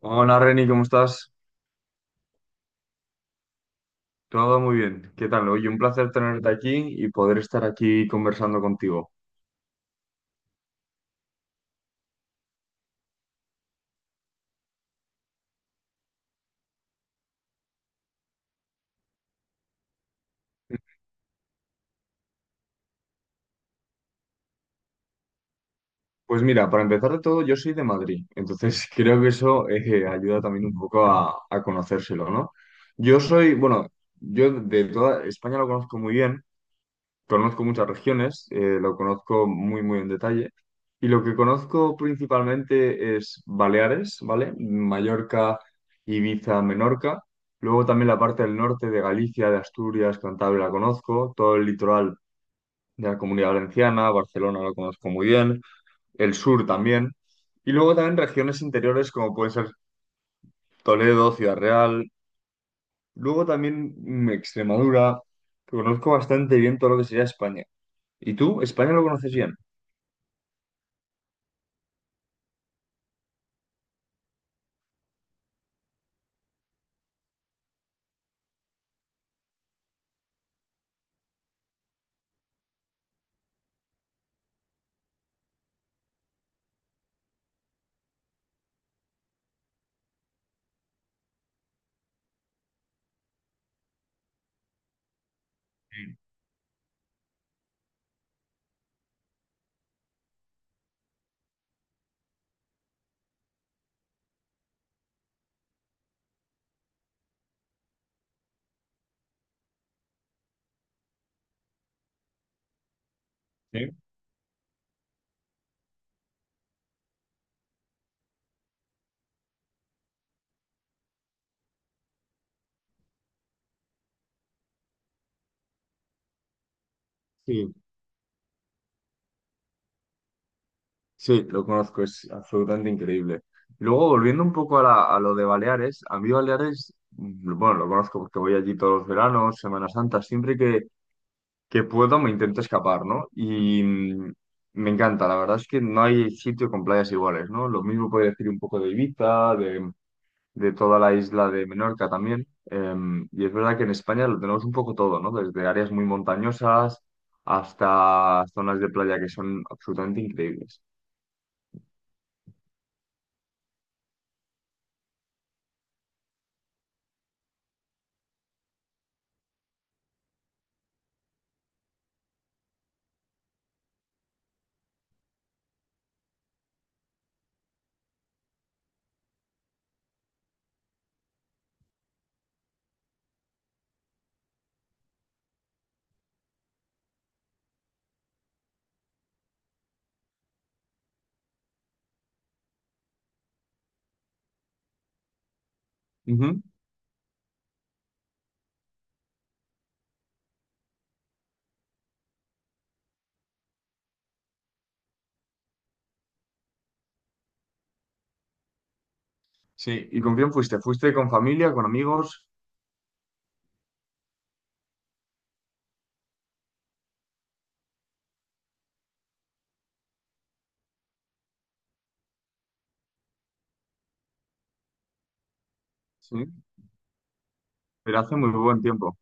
Hola Reni, ¿cómo estás? Todo muy bien. ¿Qué tal? Oye, un placer tenerte aquí y poder estar aquí conversando contigo. Pues mira, para empezar de todo, yo soy de Madrid, entonces creo que eso ayuda también un poco a conocérselo, ¿no? Yo soy, bueno, yo de toda España lo conozco muy bien. Conozco muchas regiones, lo conozco muy, muy en detalle. Y lo que conozco principalmente es Baleares, ¿vale? Mallorca, Ibiza, Menorca. Luego también la parte del norte de Galicia, de Asturias, Cantabria la conozco. Todo el litoral de la Comunidad Valenciana, Barcelona lo conozco muy bien. El sur también. Y luego también regiones interiores como puede ser Toledo, Ciudad Real. Luego también Extremadura. Que Conozco bastante bien todo lo que sería España. ¿Y tú? ¿España lo conoces bien? Sí, sí, sí, lo conozco, es absolutamente increíble. Y luego, volviendo un poco a lo de Baleares, a mí Baleares, bueno, lo conozco porque voy allí todos los veranos, Semana Santa, siempre que puedo me intento escapar, ¿no? Y me encanta, la verdad es que no hay sitio con playas iguales, ¿no? Lo mismo puede decir un poco de Ibiza, de toda la isla de Menorca también. Y es verdad que en España lo tenemos un poco todo, ¿no? Desde áreas muy montañosas hasta zonas de playa que son absolutamente increíbles. Ujú. Sí, ¿y con quién fuiste? ¿Fuiste con familia, con amigos? Sí, pero hace muy buen tiempo.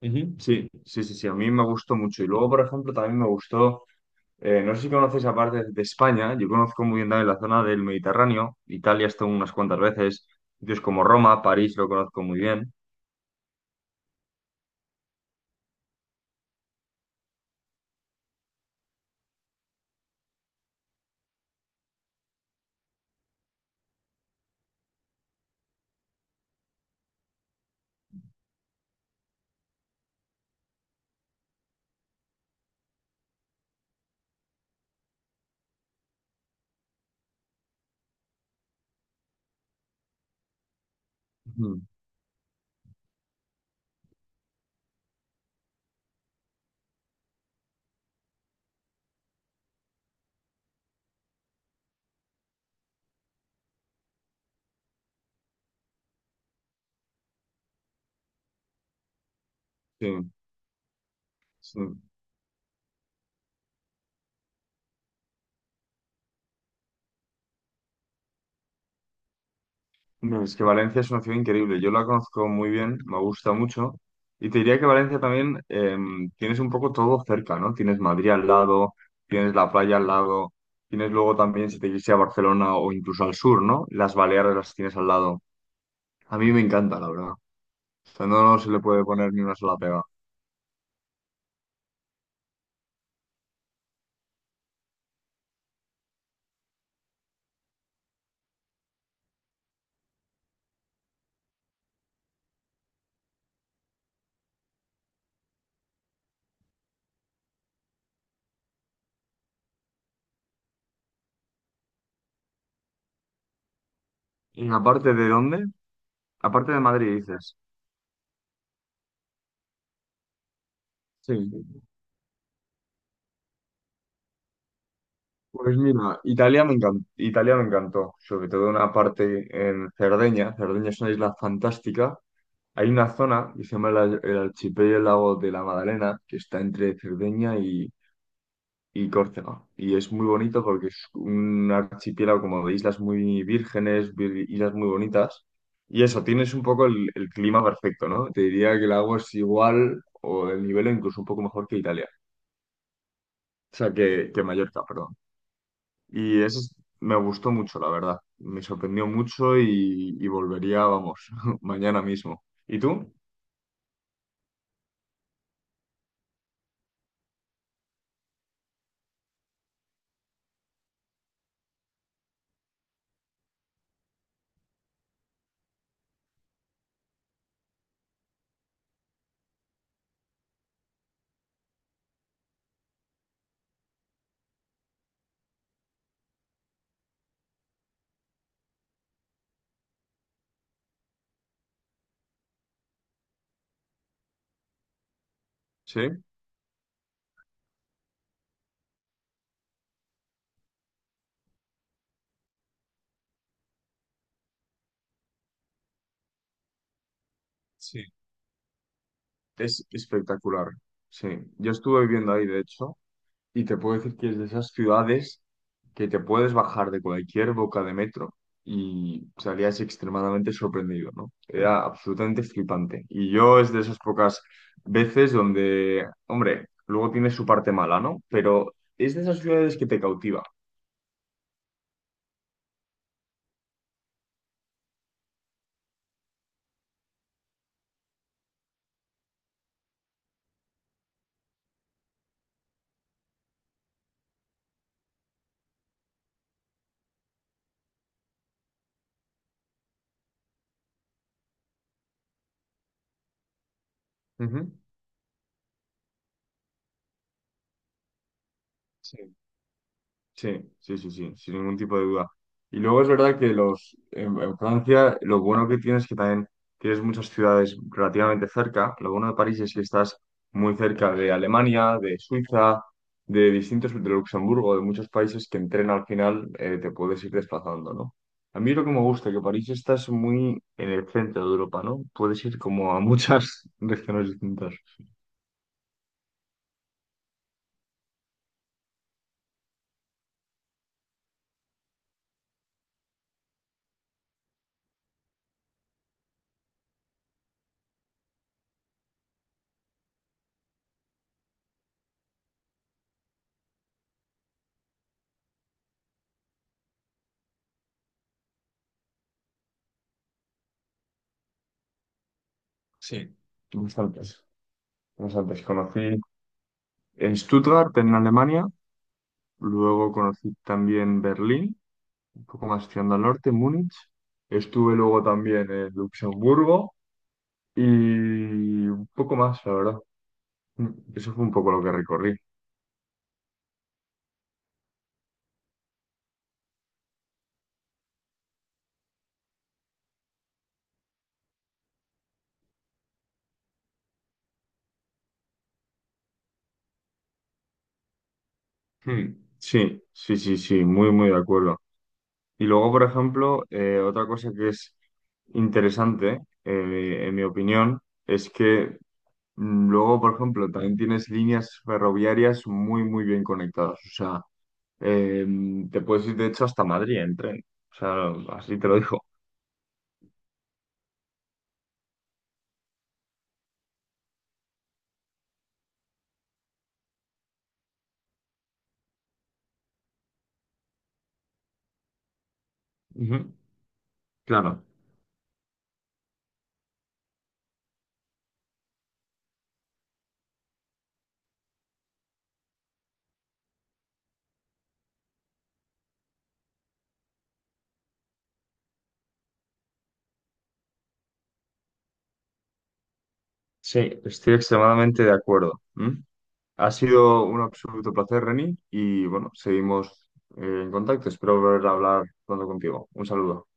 Ujú. Sí, sí, sí, sí, a mí me gustó mucho. Y luego, por ejemplo, también me gustó, no sé si conoces aparte de España, yo conozco muy bien también la zona del Mediterráneo, Italia estuve unas cuantas veces, sitios como Roma, París lo conozco muy bien. Ujú. Sí. Sí. No, es que Valencia es una ciudad increíble. Yo la conozco muy bien, me gusta mucho. Y te diría que Valencia también tienes un poco todo cerca, ¿no? Tienes Madrid al lado, tienes la playa al lado, tienes luego también, si te quieres ir a Barcelona o incluso al sur, ¿no? Las Baleares las tienes al lado. A mí me encanta, la verdad. O sea, no se le puede poner ni una sola pega. ¿Y aparte de dónde? Aparte de Madrid, dices. Sí. Pues mira, Italia me encantó, sobre todo una parte en Cerdeña. Cerdeña es una isla fantástica. Hay una zona que se llama el archipiélago de la Madalena, que está entre Cerdeña y Córcega. Y es muy bonito porque es un archipiélago como de islas muy vírgenes, islas muy bonitas. Y eso, tienes un poco el clima perfecto, ¿no? Te diría que el agua es igual o el nivel incluso un poco mejor que Italia. O sea, que Mallorca, perdón. Y eso es- Me gustó mucho, la verdad. Me sorprendió mucho y volvería, vamos, mañana mismo. ¿Y tú? ¿Sí? Sí. Es espectacular, sí. Yo estuve viviendo ahí, de hecho, y te puedo decir que es de esas ciudades que te puedes bajar de cualquier boca de metro y salías extremadamente sorprendido, ¿no? Era absolutamente flipante. Y yo es de esas pocas veces donde, hombre, luego tiene su parte mala, ¿no? Pero es de esas ciudades que te cautiva. Ujú. Sí. Sí, sí, sí, sí, sin ningún tipo de duda. Y luego es verdad que en Francia lo bueno que tienes es que también tienes muchas ciudades relativamente cerca. Lo bueno de París es que estás muy cerca de Alemania, de Suiza, de Luxemburgo, de muchos países que en tren al final te puedes ir desplazando, ¿no? A mí lo que me gusta es que París estás muy en el centro de Europa, ¿no? Puedes ir como a muchas regiones distintas. Sí. Bastantes, bastantes. Conocí en Stuttgart, en Alemania. Luego conocí también Berlín, un poco más tirando al norte, Múnich. Estuve luego también en Luxemburgo y un poco más, la verdad. Mm, Eso fue un poco lo que recorrí. Hmm, Sí, sí, sí, sí, muy, muy de acuerdo. Y luego, por ejemplo, otra cosa que es interesante, en mi opinión, es que luego, por ejemplo, también tienes líneas ferroviarias muy, muy bien conectadas. O sea, Eh, te puedes ir, de hecho, hasta Madrid en tren. O sea, así te lo digo. Ujú. Claro. Sí, estoy extremadamente de acuerdo. ¿Mm? Ha sido un absoluto placer, Reni, y bueno, seguimos en contacto. Espero volver a hablar pronto contigo. Un saludo.